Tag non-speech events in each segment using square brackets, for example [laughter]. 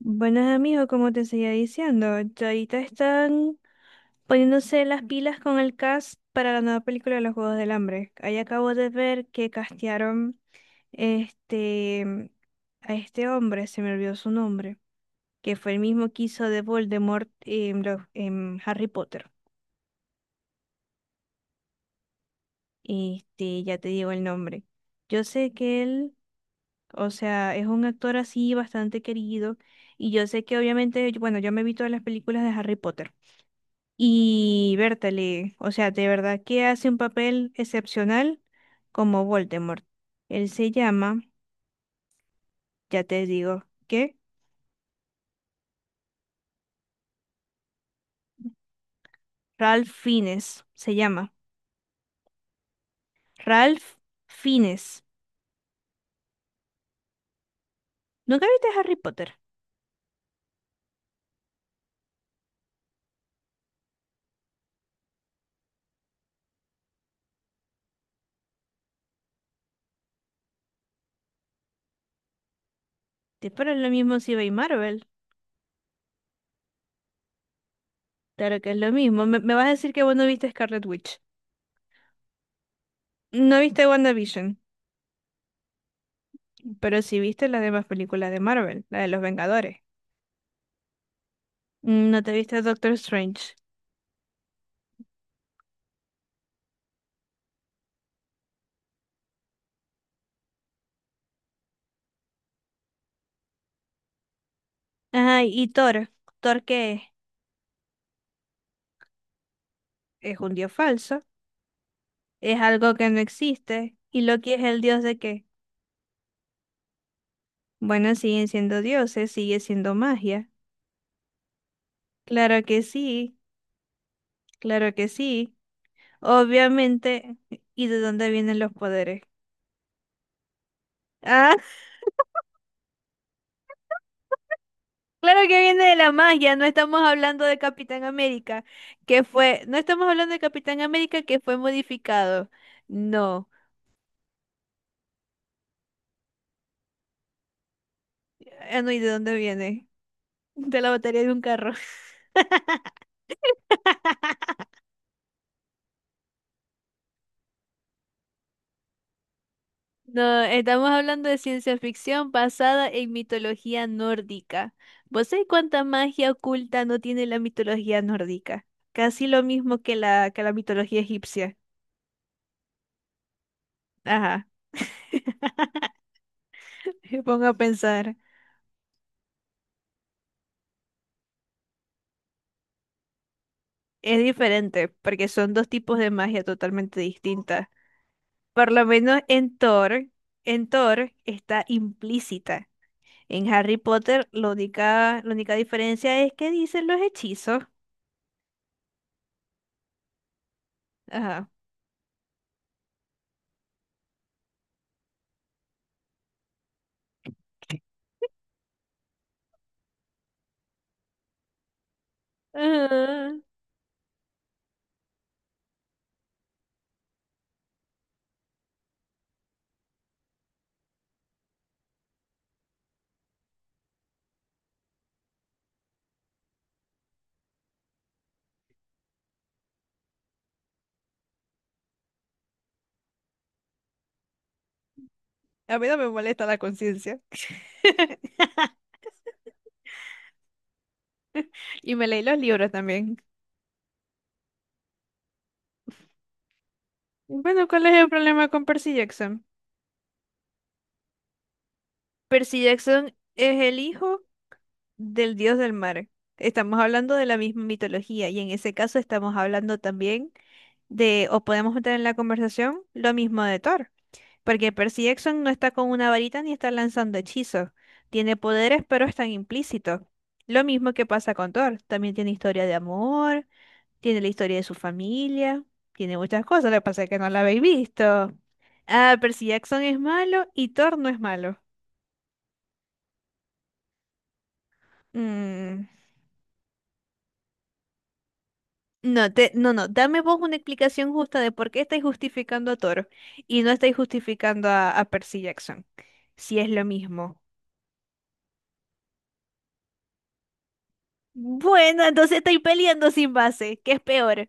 Buenos amigos, como te seguía diciendo, ya ahorita están poniéndose las pilas con el cast para la nueva película de los Juegos del Hambre. Ahí acabo de ver que castearon este a este hombre, se me olvidó su nombre, que fue el mismo que hizo de Voldemort en, en Harry Potter. Este, ya te digo el nombre. Yo sé que él, o sea, es un actor así bastante querido y yo sé que obviamente, bueno, yo me vi todas las películas de Harry Potter. Y Bertale, o sea, de verdad que hace un papel excepcional como Voldemort. Él se llama, ya te digo, ¿qué? Ralph Fiennes, se llama. Ralph Fiennes. ¿Nunca viste Harry Potter? Te es lo mismo si veis Marvel. Claro que es lo mismo. Me vas a decir que vos no viste Scarlet Witch. No viste WandaVision, pero sí viste las demás películas de Marvel, la de los Vengadores. No te viste Doctor Strange. Ajá, y Thor. ¿Thor qué es? Es un dios falso. Es algo que no existe. ¿Y Loki es el dios de qué? Bueno, siguen siendo dioses, sigue siendo magia. Claro que sí, claro que sí. Obviamente, ¿y de dónde vienen los poderes? Ah, [laughs] claro que viene de la magia, no estamos hablando de Capitán América, que fue, no estamos hablando de Capitán América que fue modificado. No. Ah, no, ¿y de dónde viene? [laughs] De la batería de un carro. No, estamos hablando de ciencia ficción basada en mitología nórdica. ¿Vos sabés cuánta magia oculta no tiene la mitología nórdica? Casi lo mismo que que la mitología egipcia. Ajá, me pongo a pensar. Es diferente, porque son dos tipos de magia totalmente distintas. Por lo menos en Thor está implícita. En Harry Potter, la única diferencia es que dicen los hechizos. Ajá. Ajá. A mí no me molesta la conciencia. [laughs] Y me leí los libros también. Bueno, ¿cuál es el problema con Percy Jackson? Percy Jackson es el hijo del dios del mar. Estamos hablando de la misma mitología y en ese caso estamos hablando también de, o podemos meter en la conversación, lo mismo de Thor. Porque Percy Jackson no está con una varita ni está lanzando hechizos. Tiene poderes, pero están implícitos. Lo mismo que pasa con Thor. También tiene historia de amor. Tiene la historia de su familia, tiene muchas cosas, lo que pasa es que no la habéis visto. Ah, Percy Jackson es malo y Thor no es malo. Mm, No, te, no, no, dame vos una explicación justa de por qué estáis justificando a Thor y no estáis justificando a Percy Jackson, si es lo mismo. Bueno, entonces estáis peleando sin base, que es peor.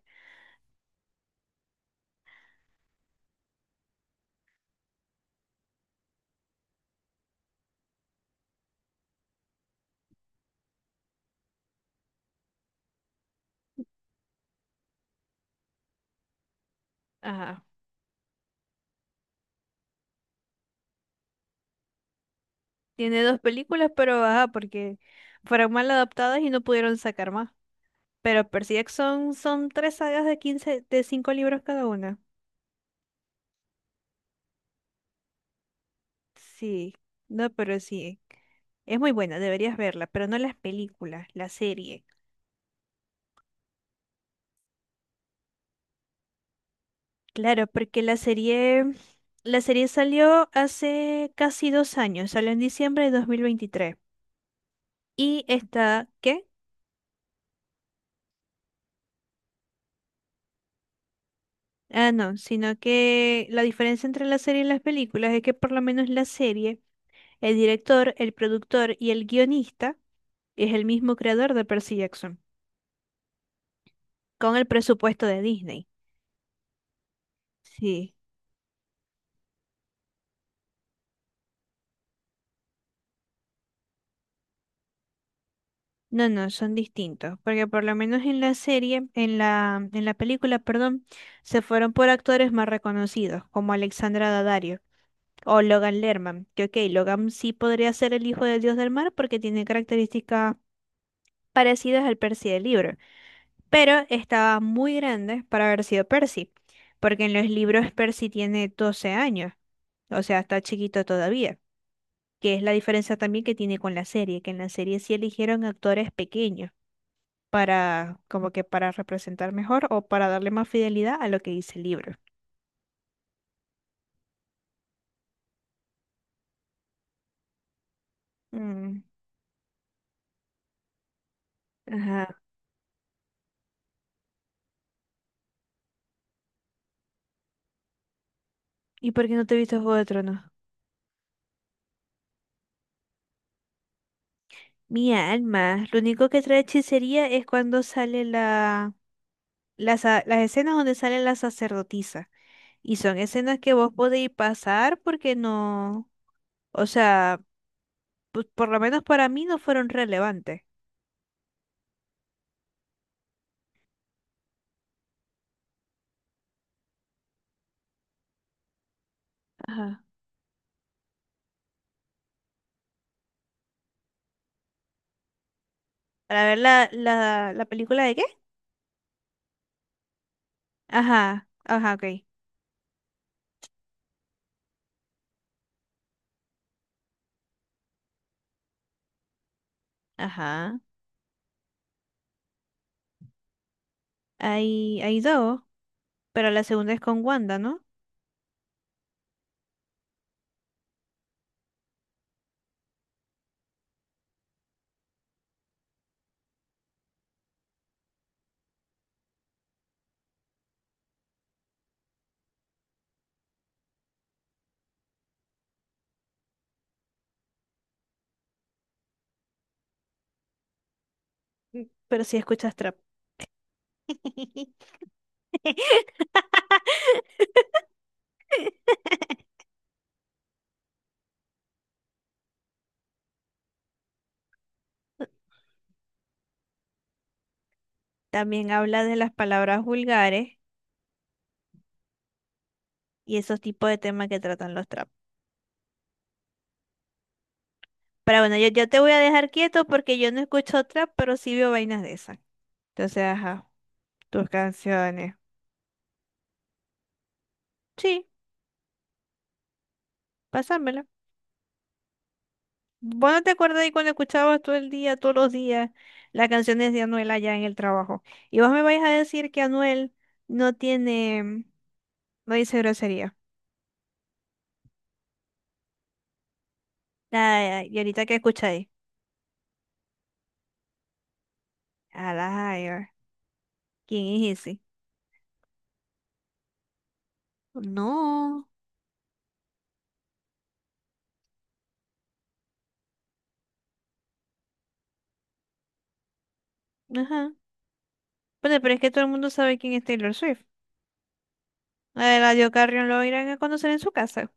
Ajá, tiene dos películas, pero ajá, porque fueron mal adaptadas y no pudieron sacar más. Pero Percy Jackson son tres sagas de cinco libros cada una. Sí, no, pero sí. Es muy buena, deberías verla, pero no las películas, la serie. Claro, porque la serie salió hace casi 2 años, salió en diciembre de 2023. Y está, ¿qué? Ah, no, sino que la diferencia entre la serie y las películas es que por lo menos la serie, el director, el productor y el guionista es el mismo creador de Percy Jackson. Con el presupuesto de Disney. Sí. No, no, son distintos, porque por lo menos en la serie, en la película, perdón, se fueron por actores más reconocidos, como Alexandra Daddario o Logan Lerman, que ok, Logan sí podría ser el hijo del dios del mar porque tiene características parecidas al Percy del libro, pero estaba muy grande para haber sido Percy, porque en los libros Percy tiene 12 años, o sea, está chiquito todavía. Que es la diferencia también que tiene con la serie, que en la serie sí eligieron actores pequeños para como que para representar mejor o para darle más fidelidad a lo que dice el libro. Mm, ajá. ¿Y por qué no te viste Juego de Tronos? Mi alma, lo único que trae hechicería es cuando sale las escenas donde sale la sacerdotisa. Y son escenas que vos podéis pasar porque no, o sea, por lo menos para mí no fueron relevantes. Ajá. Para ver la película de qué? Ajá, ajá, ok. Ajá. Hay dos, pero la segunda es con Wanda, ¿no? Pero si escuchas trap. [laughs] También habla de las palabras vulgares y esos tipos de temas que tratan los trap. Pero bueno, yo te voy a dejar quieto porque yo no escucho trap, pero sí veo vainas de esas. Entonces, ajá, tus canciones. Sí, pásamela. ¿Vos no te acuerdas de cuando escuchabas todo el día, todos los días, las canciones de Anuel allá en el trabajo? Y vos me vais a decir que Anuel no tiene, no dice grosería. Ay, y ahorita que escucháis, a la higher, ¿quién es ese? No, ajá. Bueno, pero es que todo el mundo sabe quién es Taylor Swift. A Radio Carrión lo irán a conocer en su casa.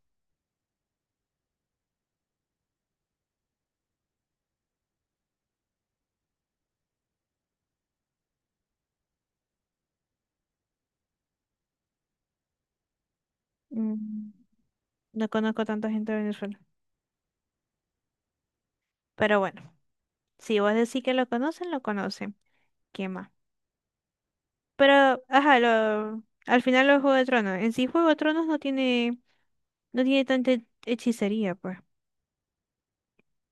Mm, no conozco tanta gente de Venezuela. Pero bueno, si vos decís que lo conocen, lo conocen. ¿Qué más? Pero, ajá, lo, al final los Juego de Tronos. En sí, Juego de Tronos no tiene tanta hechicería, pues.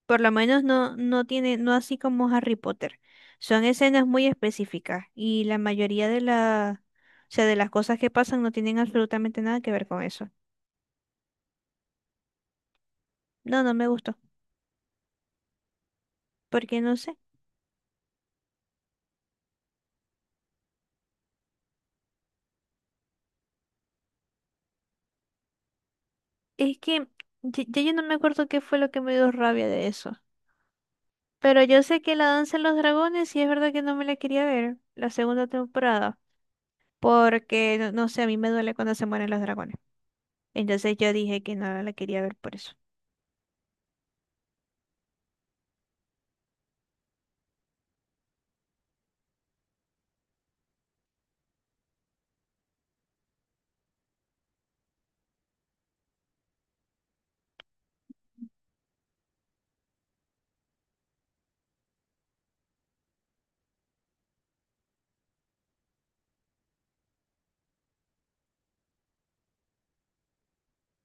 Por lo menos no, no tiene, no así como Harry Potter. Son escenas muy específicas y la mayoría de la, o sea, de las cosas que pasan no tienen absolutamente nada que ver con eso. No, no me gustó, porque no sé. Es que ya yo no me acuerdo qué fue lo que me dio rabia de eso. Pero yo sé que la danza de los dragones, sí es verdad que no me la quería ver, la segunda temporada. Porque no, no sé, a mí me duele cuando se mueren los dragones. Entonces yo dije que no la quería ver por eso.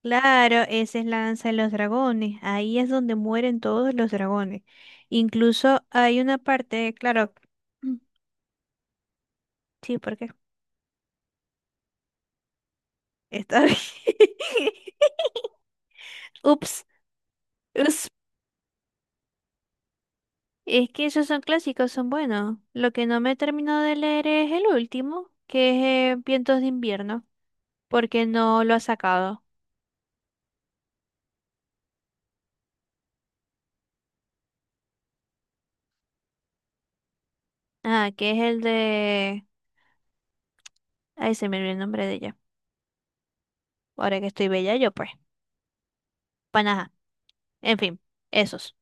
Claro, esa es la danza de los dragones. Ahí es donde mueren todos los dragones. Incluso hay una parte, claro, [clears throat] mm, sí, porque está bien. [laughs] Ups, ups. Es que esos son clásicos, son buenos. Lo que no me he terminado de leer es el último, que es Vientos de invierno, porque no lo ha sacado. Ah, que es el de... Ahí se me olvidó el nombre de ella. Ahora que estoy bella yo, pues. Panaja. En fin, esos.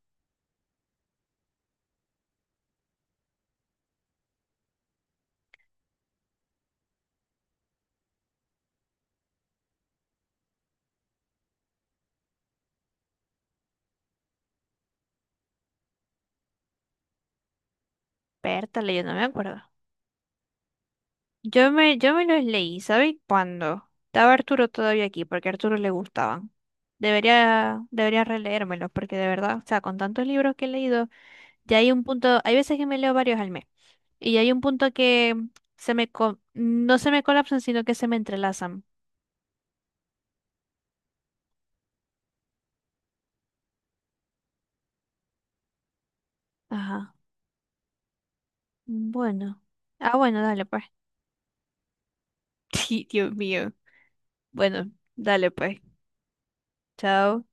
Pértale, yo no me acuerdo. Yo me los leí, ¿sabes cuándo? Estaba Arturo todavía aquí, porque a Arturo le gustaban. Debería releérmelos, porque de verdad, o sea, con tantos libros que he leído, ya hay un punto, hay veces que me leo varios al mes, y hay un punto que se me, no se me colapsan, sino que se me entrelazan. Ajá. Bueno. Ah, bueno, dale pues. [laughs] Sí, Dios mío. Bueno, dale pues. Chao.